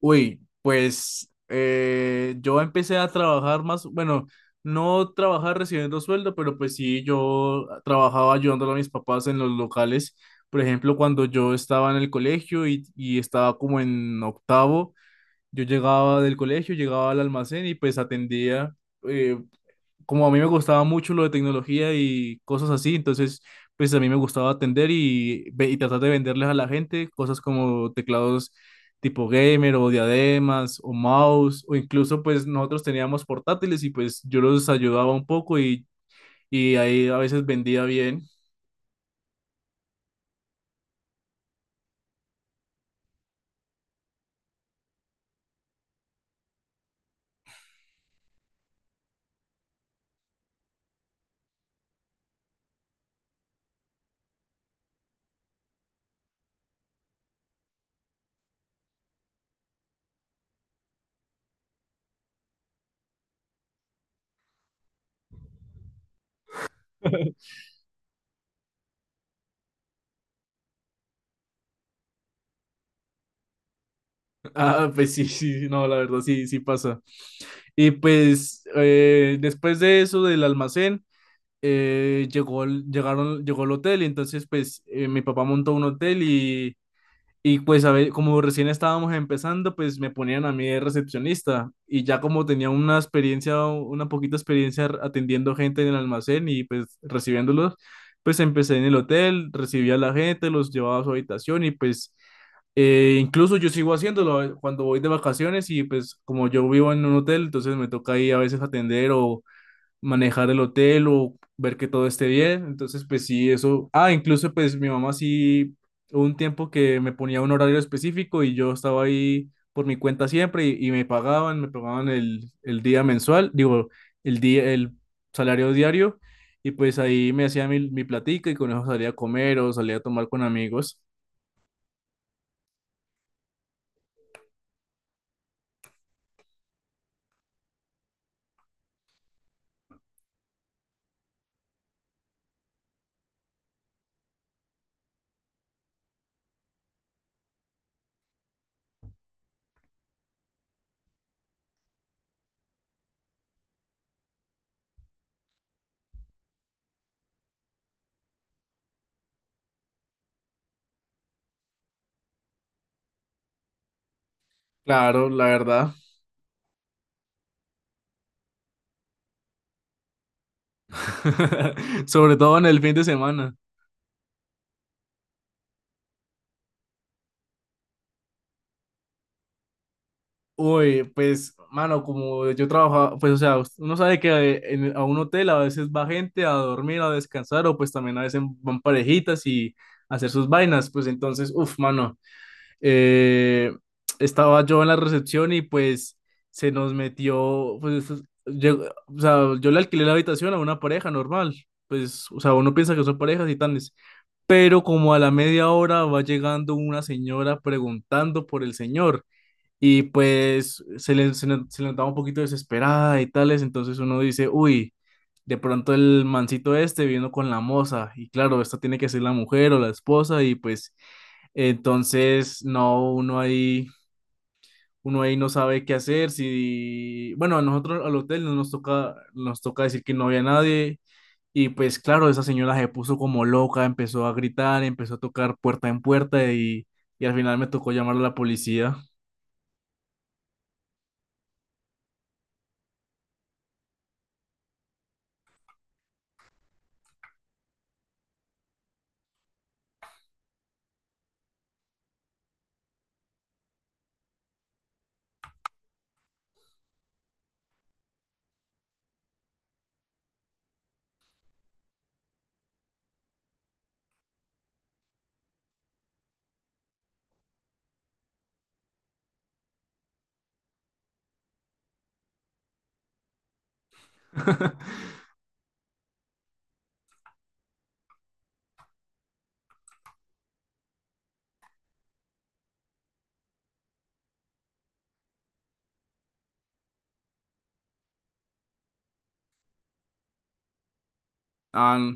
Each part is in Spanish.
Uy, pues yo empecé a trabajar más, bueno, no trabajar recibiendo sueldo, pero pues sí, yo trabajaba ayudándole a mis papás en los locales. Por ejemplo, cuando yo estaba en el colegio y estaba como en octavo, yo llegaba del colegio, llegaba al almacén y pues atendía. eh, Como a mí me gustaba mucho lo de tecnología y cosas así, entonces pues a mí me gustaba atender y y tratar de venderles a la gente cosas como teclados tipo gamer o diademas o mouse o incluso pues nosotros teníamos portátiles y pues yo los ayudaba un poco y ahí a veces vendía bien. Ah, pues sí, sí, sí, no, la verdad sí, sí pasa. Y pues después de eso del almacén, llegó el hotel y entonces pues mi papá montó un hotel y pues, a ver, como recién estábamos empezando, pues me ponían a mí de recepcionista y ya como tenía una experiencia, una poquita experiencia atendiendo gente en el almacén y pues recibiéndolos, pues empecé en el hotel, recibía a la gente, los llevaba a su habitación y pues incluso yo sigo haciéndolo cuando voy de vacaciones y pues como yo vivo en un hotel, entonces me toca ahí a veces atender o manejar el hotel o ver que todo esté bien. Entonces, pues sí, eso. Ah, incluso pues mi mamá sí, hubo un tiempo que me ponía un horario específico y yo estaba ahí por mi cuenta siempre y me pagaban el día mensual, digo, el día, el salario diario y pues ahí me hacía mi, mi platica y con eso salía a comer o salía a tomar con amigos. Claro, la verdad. Sobre todo en el fin de semana. Uy, pues, mano, como yo trabajaba, pues, o sea, uno sabe que en- a un hotel a veces va gente a dormir, a descansar, o pues también a veces van parejitas y a hacer sus vainas, pues entonces, uff, mano, eh, estaba yo en la recepción y pues se nos metió, pues, o sea, yo le alquilé la habitación a una pareja normal, pues, o sea, uno piensa que son parejas y tales, pero como a la media hora va llegando una señora preguntando por el señor. Y pues se le notaba un poquito desesperada y tales, entonces uno dice, uy, de pronto el mancito este vino con la moza, y claro, esta tiene que ser la mujer o la esposa, y pues entonces no, uno ahí no sabe qué hacer, si, bueno, a nosotros al hotel no nos toca, nos toca decir que no había nadie, y pues claro, esa señora se puso como loca, empezó a gritar, empezó a tocar puerta en puerta, y al final me tocó llamar a la policía. Ah,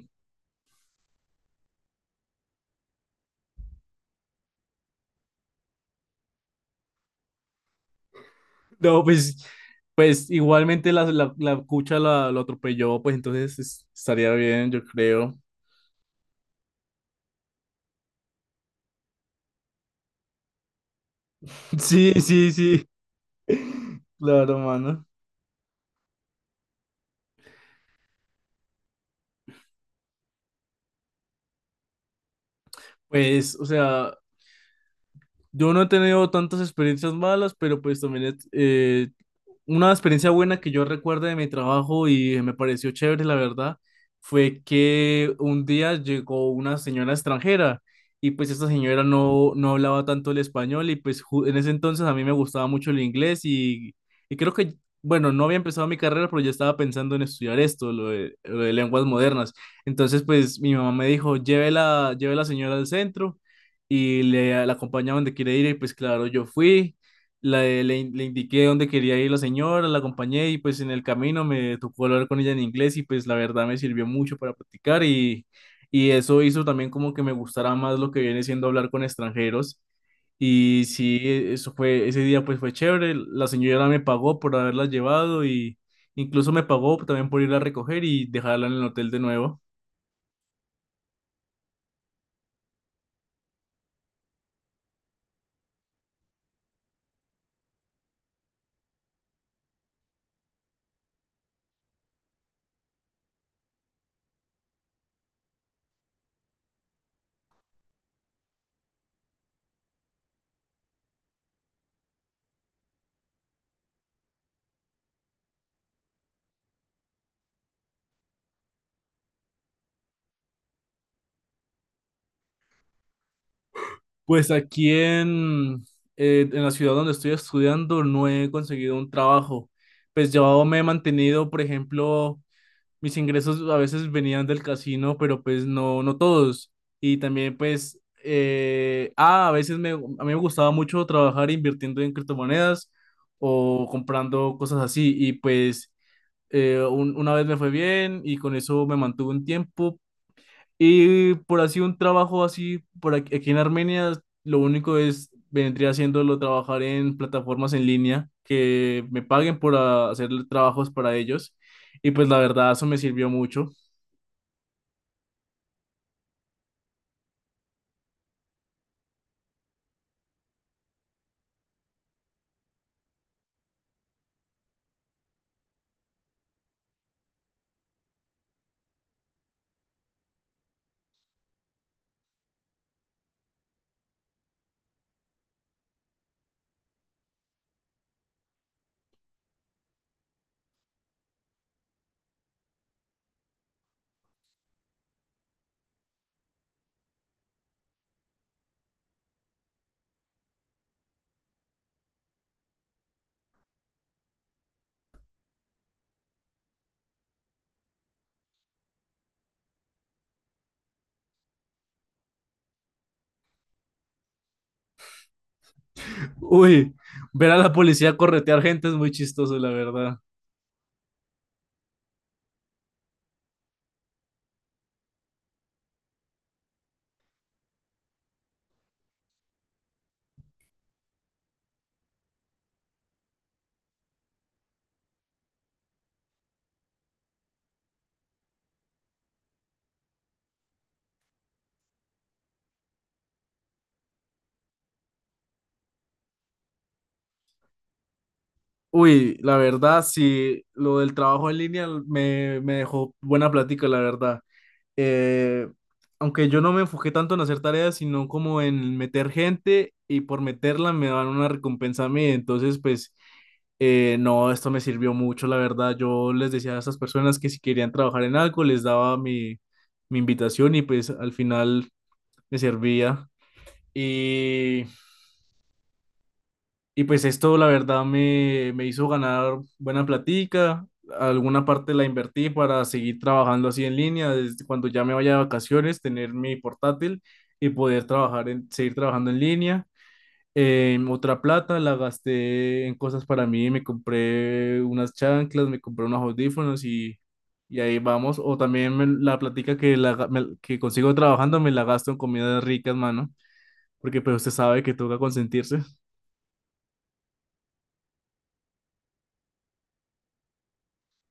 no, pues, pues igualmente la, la, la cucha la, lo atropelló, pues entonces estaría bien, yo creo. Sí, sí, sí, claro, mano. Pues, o sea, yo no he tenido tantas experiencias malas, pero pues también una experiencia buena que yo recuerdo de mi trabajo y me pareció chévere, la verdad, fue que un día llegó una señora extranjera y pues esta señora no, no hablaba tanto el español y pues en ese entonces a mí me gustaba mucho el inglés y creo que, bueno, no había empezado mi carrera, pero ya estaba pensando en estudiar esto, lo de lenguas modernas. Entonces pues mi mamá me dijo, llévela, lleve la señora al centro y le, la acompañaban de quiere ir y pues claro, yo fui. Le indiqué dónde quería ir la señora, la acompañé y pues en el camino me tocó hablar con ella en inglés y pues la verdad me sirvió mucho para practicar y eso hizo también como que me gustara más lo que viene siendo hablar con extranjeros. Y sí, eso fue, ese día pues fue chévere. La señora me pagó por haberla llevado y incluso me pagó también por ir a recoger y dejarla en el hotel de nuevo. Pues aquí en la ciudad donde estoy estudiando no he conseguido un trabajo. Pues yo me he mantenido, por ejemplo, mis ingresos a veces venían del casino, pero pues no, no todos. Y también pues, a veces me, a mí me gustaba mucho trabajar invirtiendo en criptomonedas o comprando cosas así. Y pues una vez me fue bien y con eso me mantuve un tiempo, y por así un trabajo así, por aquí, aquí en Armenia, lo único es, vendría haciéndolo trabajar en plataformas en línea, que me paguen por hacer trabajos para ellos. Y pues la verdad, eso me sirvió mucho. Uy, ver a la policía corretear gente es muy chistoso, la verdad. Uy, la verdad, sí, lo del trabajo en línea me, me dejó buena plática, la verdad. eh, Aunque yo no me enfoqué tanto en hacer tareas, sino como en meter gente y por meterla me dan una recompensa a mí. Entonces, pues, no, esto me sirvió mucho, la verdad. Yo les decía a esas personas que si querían trabajar en algo, les daba mi, mi invitación y pues al final me servía. Y y pues esto la verdad me, me hizo ganar buena platica, alguna parte la invertí para seguir trabajando así en línea, desde cuando ya me vaya de vacaciones, tener mi portátil y poder trabajar en, seguir trabajando en línea. Otra plata la gasté en cosas para mí, me compré unas chanclas, me compré unos audífonos y ahí vamos. O también la platica que, la que consigo trabajando me la gasto en comidas ricas, mano, porque pues usted sabe que toca consentirse.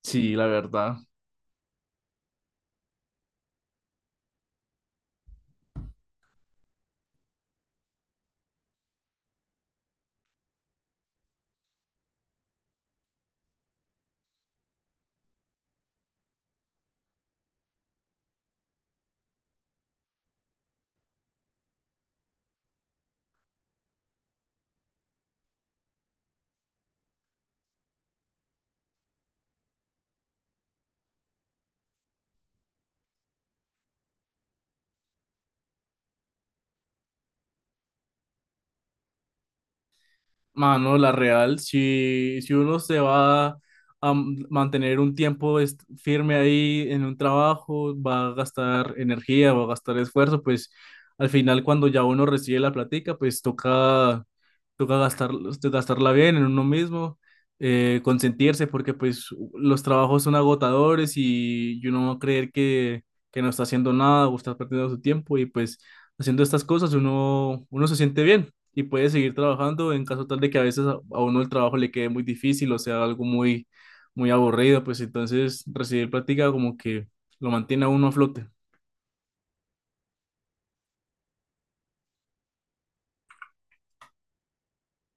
Sí, la verdad. Mano, la real, si, si uno se va a mantener un tiempo firme ahí en un trabajo, va a gastar energía, va a gastar esfuerzo, pues al final cuando ya uno recibe la platica, pues toca, toca gastar, este, gastarla bien en uno mismo, consentirse, porque pues los trabajos son agotadores y uno va a creer que no está haciendo nada o está perdiendo su tiempo y pues haciendo estas cosas uno, uno se siente bien y puede seguir trabajando en caso tal de que a veces a uno el trabajo le quede muy difícil o sea algo muy, muy aburrido, pues entonces recibir práctica como que lo mantiene a uno a flote.